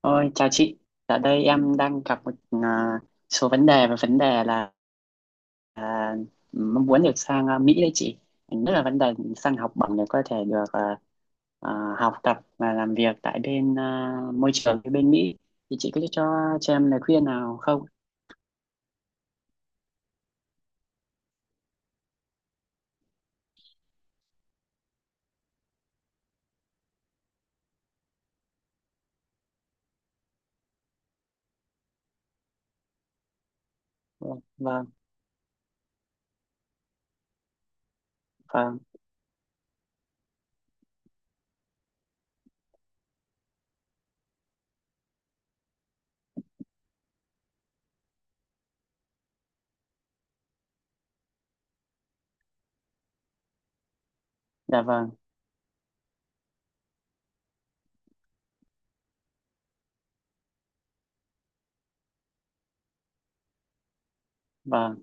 Ôi, chào chị. Ở đây em đang gặp một à, số vấn đề và vấn đề là à, mong muốn được sang Mỹ đấy chị. Nhất là vấn đề sang học bổng để có thể được học tập và làm việc tại bên môi trường cái bên Mỹ. Thì chị có cho em lời khuyên nào không? Vâng, vâng, vâng, dạ vâng, vâng,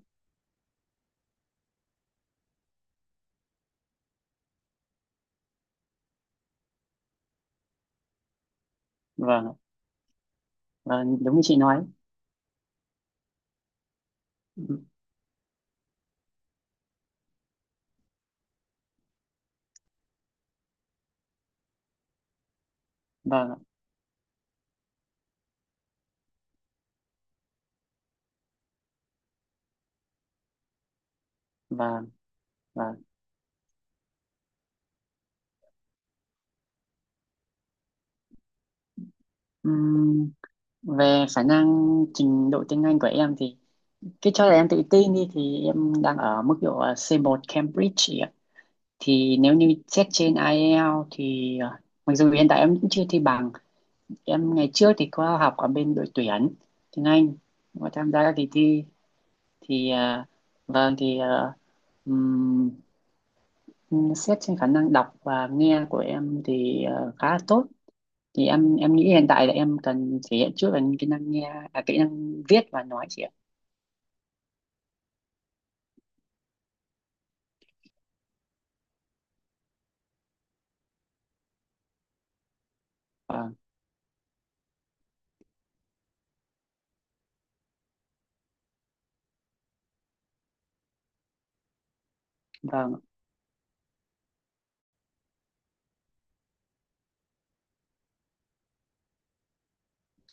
vâng, vâng, đúng như chị nói. Vâng, vâng, vâng. Ừm, Về khả năng trình độ tiếng Anh của em thì cái cho là em tự tin đi thì em đang ở mức độ C1 Cambridge chị ạ. Thì nếu như xét trên IELTS thì mặc dù hiện tại em cũng chưa thi bằng, em ngày trước thì có học ở bên đội tuyển tiếng Anh, có tham gia các kỳ thi thì vâng thì xét trên khả năng đọc và nghe của em thì khá là tốt. Thì em nghĩ hiện tại là em cần thể hiện trước là kỹ năng nghe, kỹ năng viết và nói chị ạ. Vâng, vâng,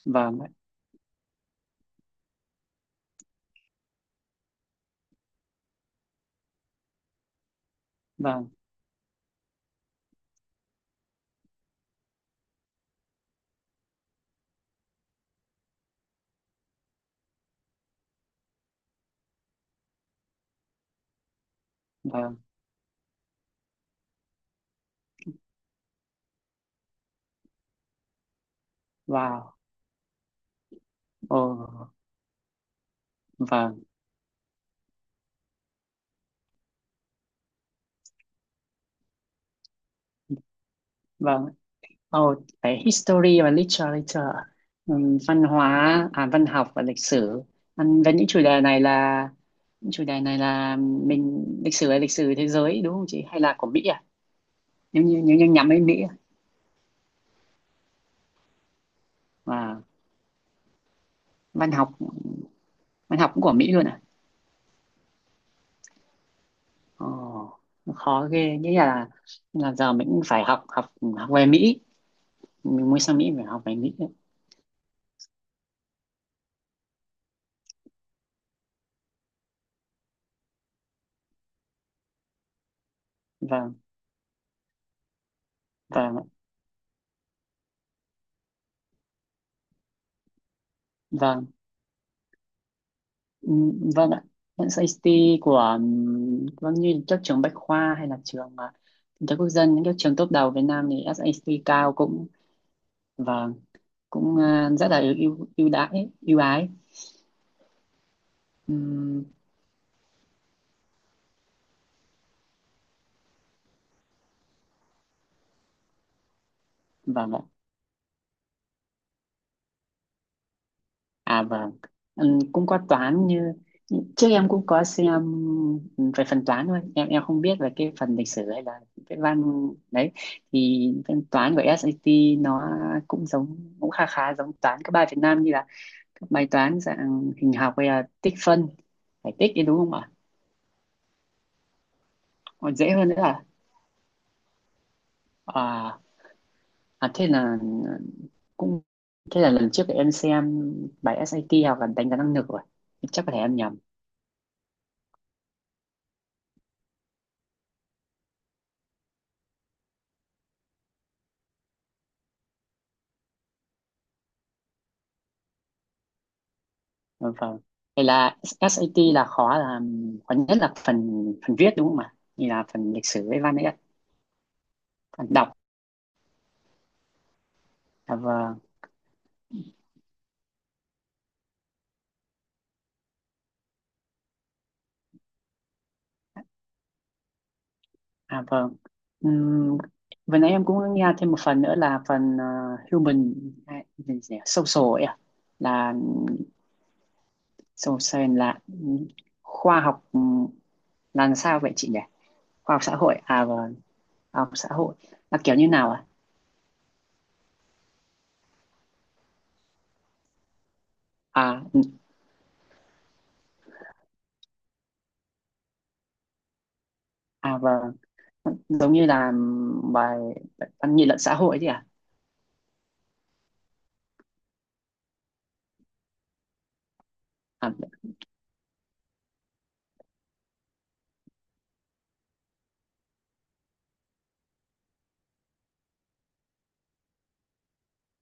vâng, vâng, vâng. Wow. Ồ, vâng, vâng. Ồ, cái history và literature, văn hóa, văn học và lịch sử. Ăn với những chủ đề này là những chủ đề này là mình lịch sử là lịch sử thế giới đúng không chị? Hay là của Mỹ à? Nếu như nhắm đến Mỹ à? Và văn học văn học cũng của Mỹ luôn à? Ồ, nó khó ghê. Nghĩa là giờ mình cũng phải học học học về Mỹ. Mình muốn sang Mỹ phải học về Mỹ. Vâng, vâng, ạ. Vâng. Ừ, vâng ạ. Hiện SAT của vâng như các trường Bách Khoa hay là trường kinh tế quốc dân những các trường top đầu Việt Nam thì SAT cao cũng và cũng rất là ưu ưu ưu đãi ưu ái. Ừm, vâng ạ. À vâng. Cũng có toán như trước em cũng có xem về phần toán thôi em không biết về cái phần lịch sử hay là cái văn đấy. Thì phần toán của SAT nó cũng giống cũng khá khá giống toán các bài Việt Nam, như là các bài toán dạng hình học hay là tích phân giải tích đấy đúng không ạ? Còn dễ hơn nữa à? à, thế là cũng thế là lần trước thì em xem bài SAT hoặc là đánh giá năng lực rồi, chắc có thể em nhầm. Vâng, vâng, vậy là SAT là khó nhất là phần phần viết đúng không ạ, như là phần lịch sử với văn ấy ạ? Phần đọc. À vâng. À vâng. Ừm, Vừa nãy em cũng nghe thêm một phần nữa là phần human gì nhỉ? Social ấy ạ. Là Social Science là khoa học, là làm sao vậy chị nhỉ? Khoa học xã hội à, vâng, khoa học xã hội là kiểu như nào à? À, à vâng, giống như là bài văn nghị luận xã hội chứ à? À,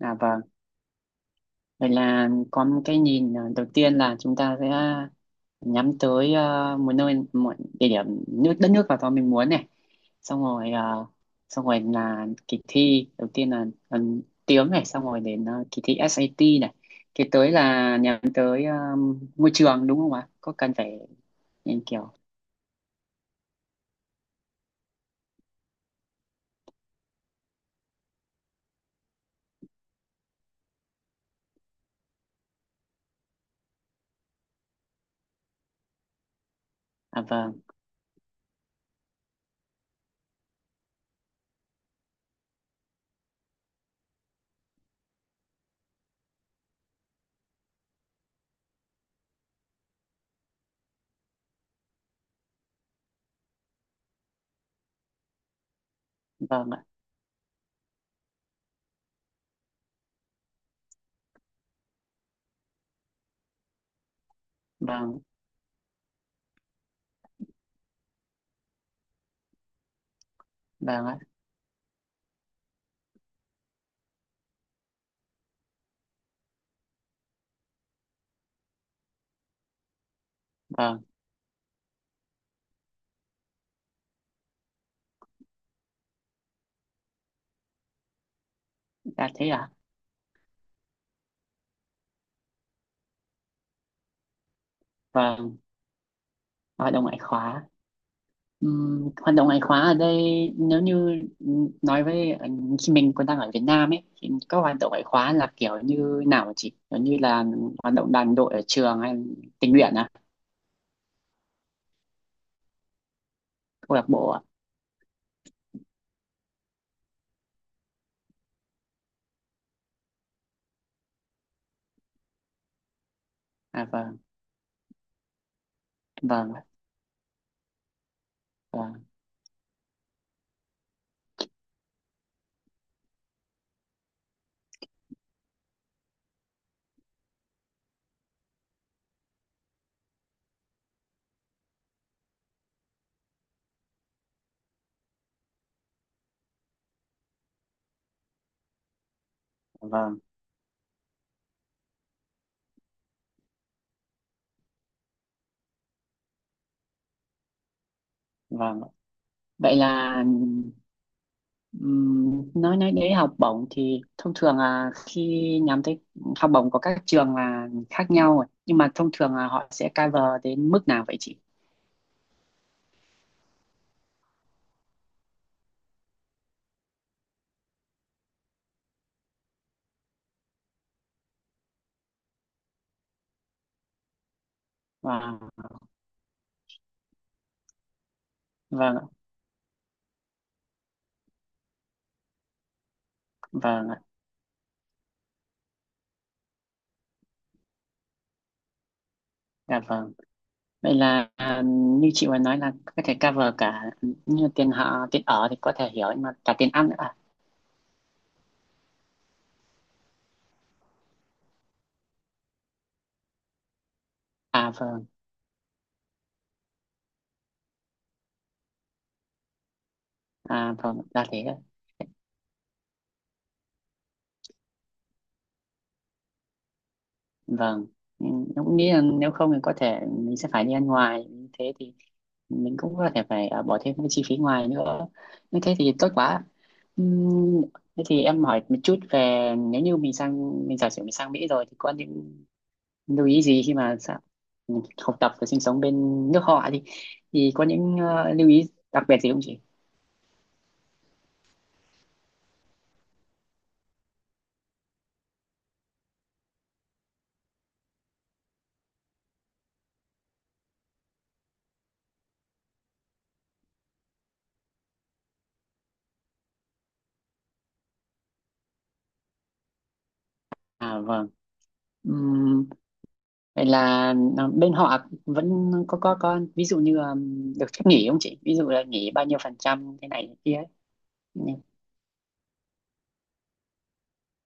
à vâng, vậy là có một cái nhìn, đầu tiên là chúng ta sẽ nhắm tới một nơi, một địa điểm nước đất nước nào đó mình muốn này, xong rồi xong rồi là kỳ thi đầu tiên là tiếng này, xong rồi đến kỳ thi ét A SAT này, kế tới là nhắm tới môi trường đúng không ạ, có cần phải nhìn kiểu. À vâng, vâng ạ, vâng, vâng ạ, vâng. Đã thế à? Vâng. Hoạt đồng ngoại khóa. Hoạt động ngoại khóa ở đây nếu như nói với khi mình còn đang ở Việt Nam ấy thì các hoạt động ngoại khóa là kiểu như nào hả chị, kiểu như là hoạt động đoàn đội ở trường hay tình nguyện à? Câu lạc bộ à? À vâng, vâng, vâng, vâng, vâng. Vậy là nói đến học bổng thì thông thường là khi nhắm tới học bổng của các trường là khác nhau rồi. Nhưng mà thông thường là họ sẽ cover đến mức nào vậy chị? Vâng, vâng ạ, vâng ạ, dạ vâng. Vậy là như chị vừa nói là có thể cover cả như tiền họ tiền ở thì có thể hiểu, nhưng mà cả tiền ăn nữa à? À vâng, à vâng, là thế ạ. Vâng. Ừ, em cũng nghĩ là nếu không thì có thể mình sẽ phải đi ăn ngoài, như thế thì mình cũng có thể phải bỏ thêm cái chi phí ngoài nữa. Như thế thì tốt quá. Ừm, Thế thì em hỏi một chút, về nếu như mình sang mình giả sử mình sang Mỹ rồi thì có những lưu ý gì khi mà học tập và sinh sống bên nước họ đi, thì có những lưu ý đặc biệt gì không chị? À vâng. Ừm, Vậy là bên họ vẫn có ví dụ như được phép nghỉ không chị, ví dụ là nghỉ bao nhiêu phần trăm thế này thế kia ấy? Nhưng-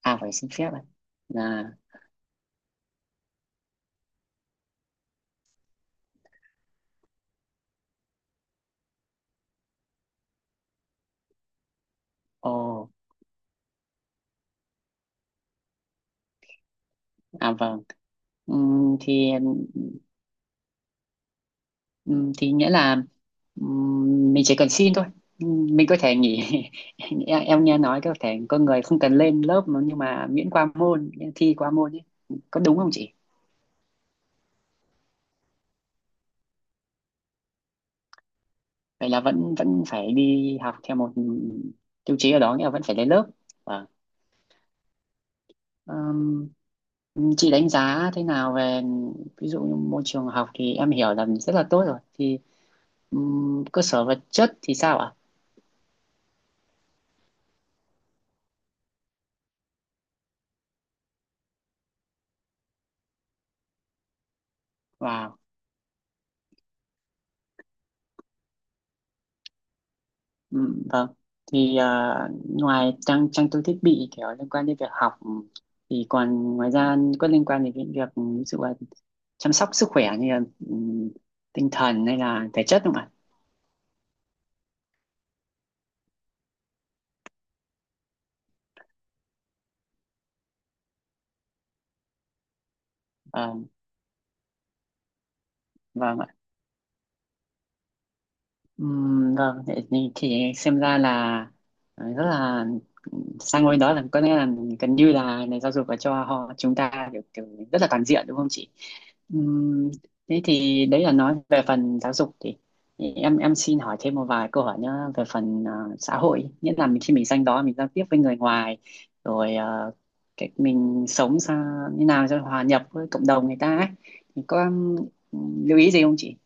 à phải xin phép à? Là ồ. À vâng. Ừm, thì thì nghĩa là mình chỉ cần xin thôi. Mình có thể nghỉ. Em nghe nói có thể có người không cần lên lớp mà nhưng mà miễn qua môn, miễn thi qua môn ấy, có đúng không chị? Vậy là vẫn vẫn phải đi học theo một tiêu chí ở đó, nghĩa là vẫn phải lên lớp. Vâng. Chị đánh giá thế nào về ví dụ như môi trường học thì em hiểu là rất là tốt rồi, thì cơ sở vật chất thì sao ạ? Wow. Ừ, vâng. Thì ngoài trang trang bị thiết bị kiểu liên quan đến việc học thì còn ngoài ra có liên quan đến cái việc, ví dụ là chăm sóc sức khỏe như là ừ, tinh thần hay là thể chất không ạ? Ờ, vâng ạ. Vâng, vậy thì xem ra là rất là, sang ngôi đó là có nghĩa là gần như là nền giáo dục là cho họ chúng ta kiểu rất là toàn diện đúng không chị? Ừm, Thế thì đấy là nói về phần giáo dục, thì em xin hỏi thêm một vài câu hỏi nữa về phần xã hội, nghĩa là mình, khi mình sang đó mình giao tiếp với người ngoài rồi cách mình sống sao như nào cho hòa nhập với cộng đồng người ta ấy. Thì có lưu ý gì không chị?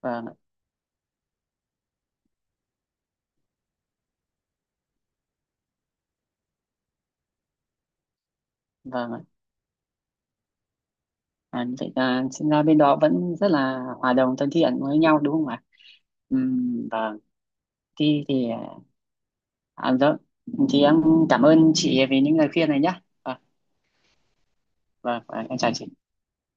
Vâng ạ, vâng ạ. À, như vậy là sinh ra bên đó vẫn rất là hòa đồng thân thiện với nhau đúng không ạ? Vâng. Thì vâng. Thì em cảm ơn chị vì những lời khuyên này nhé. Vâng, vâng, vâng, em chào chị.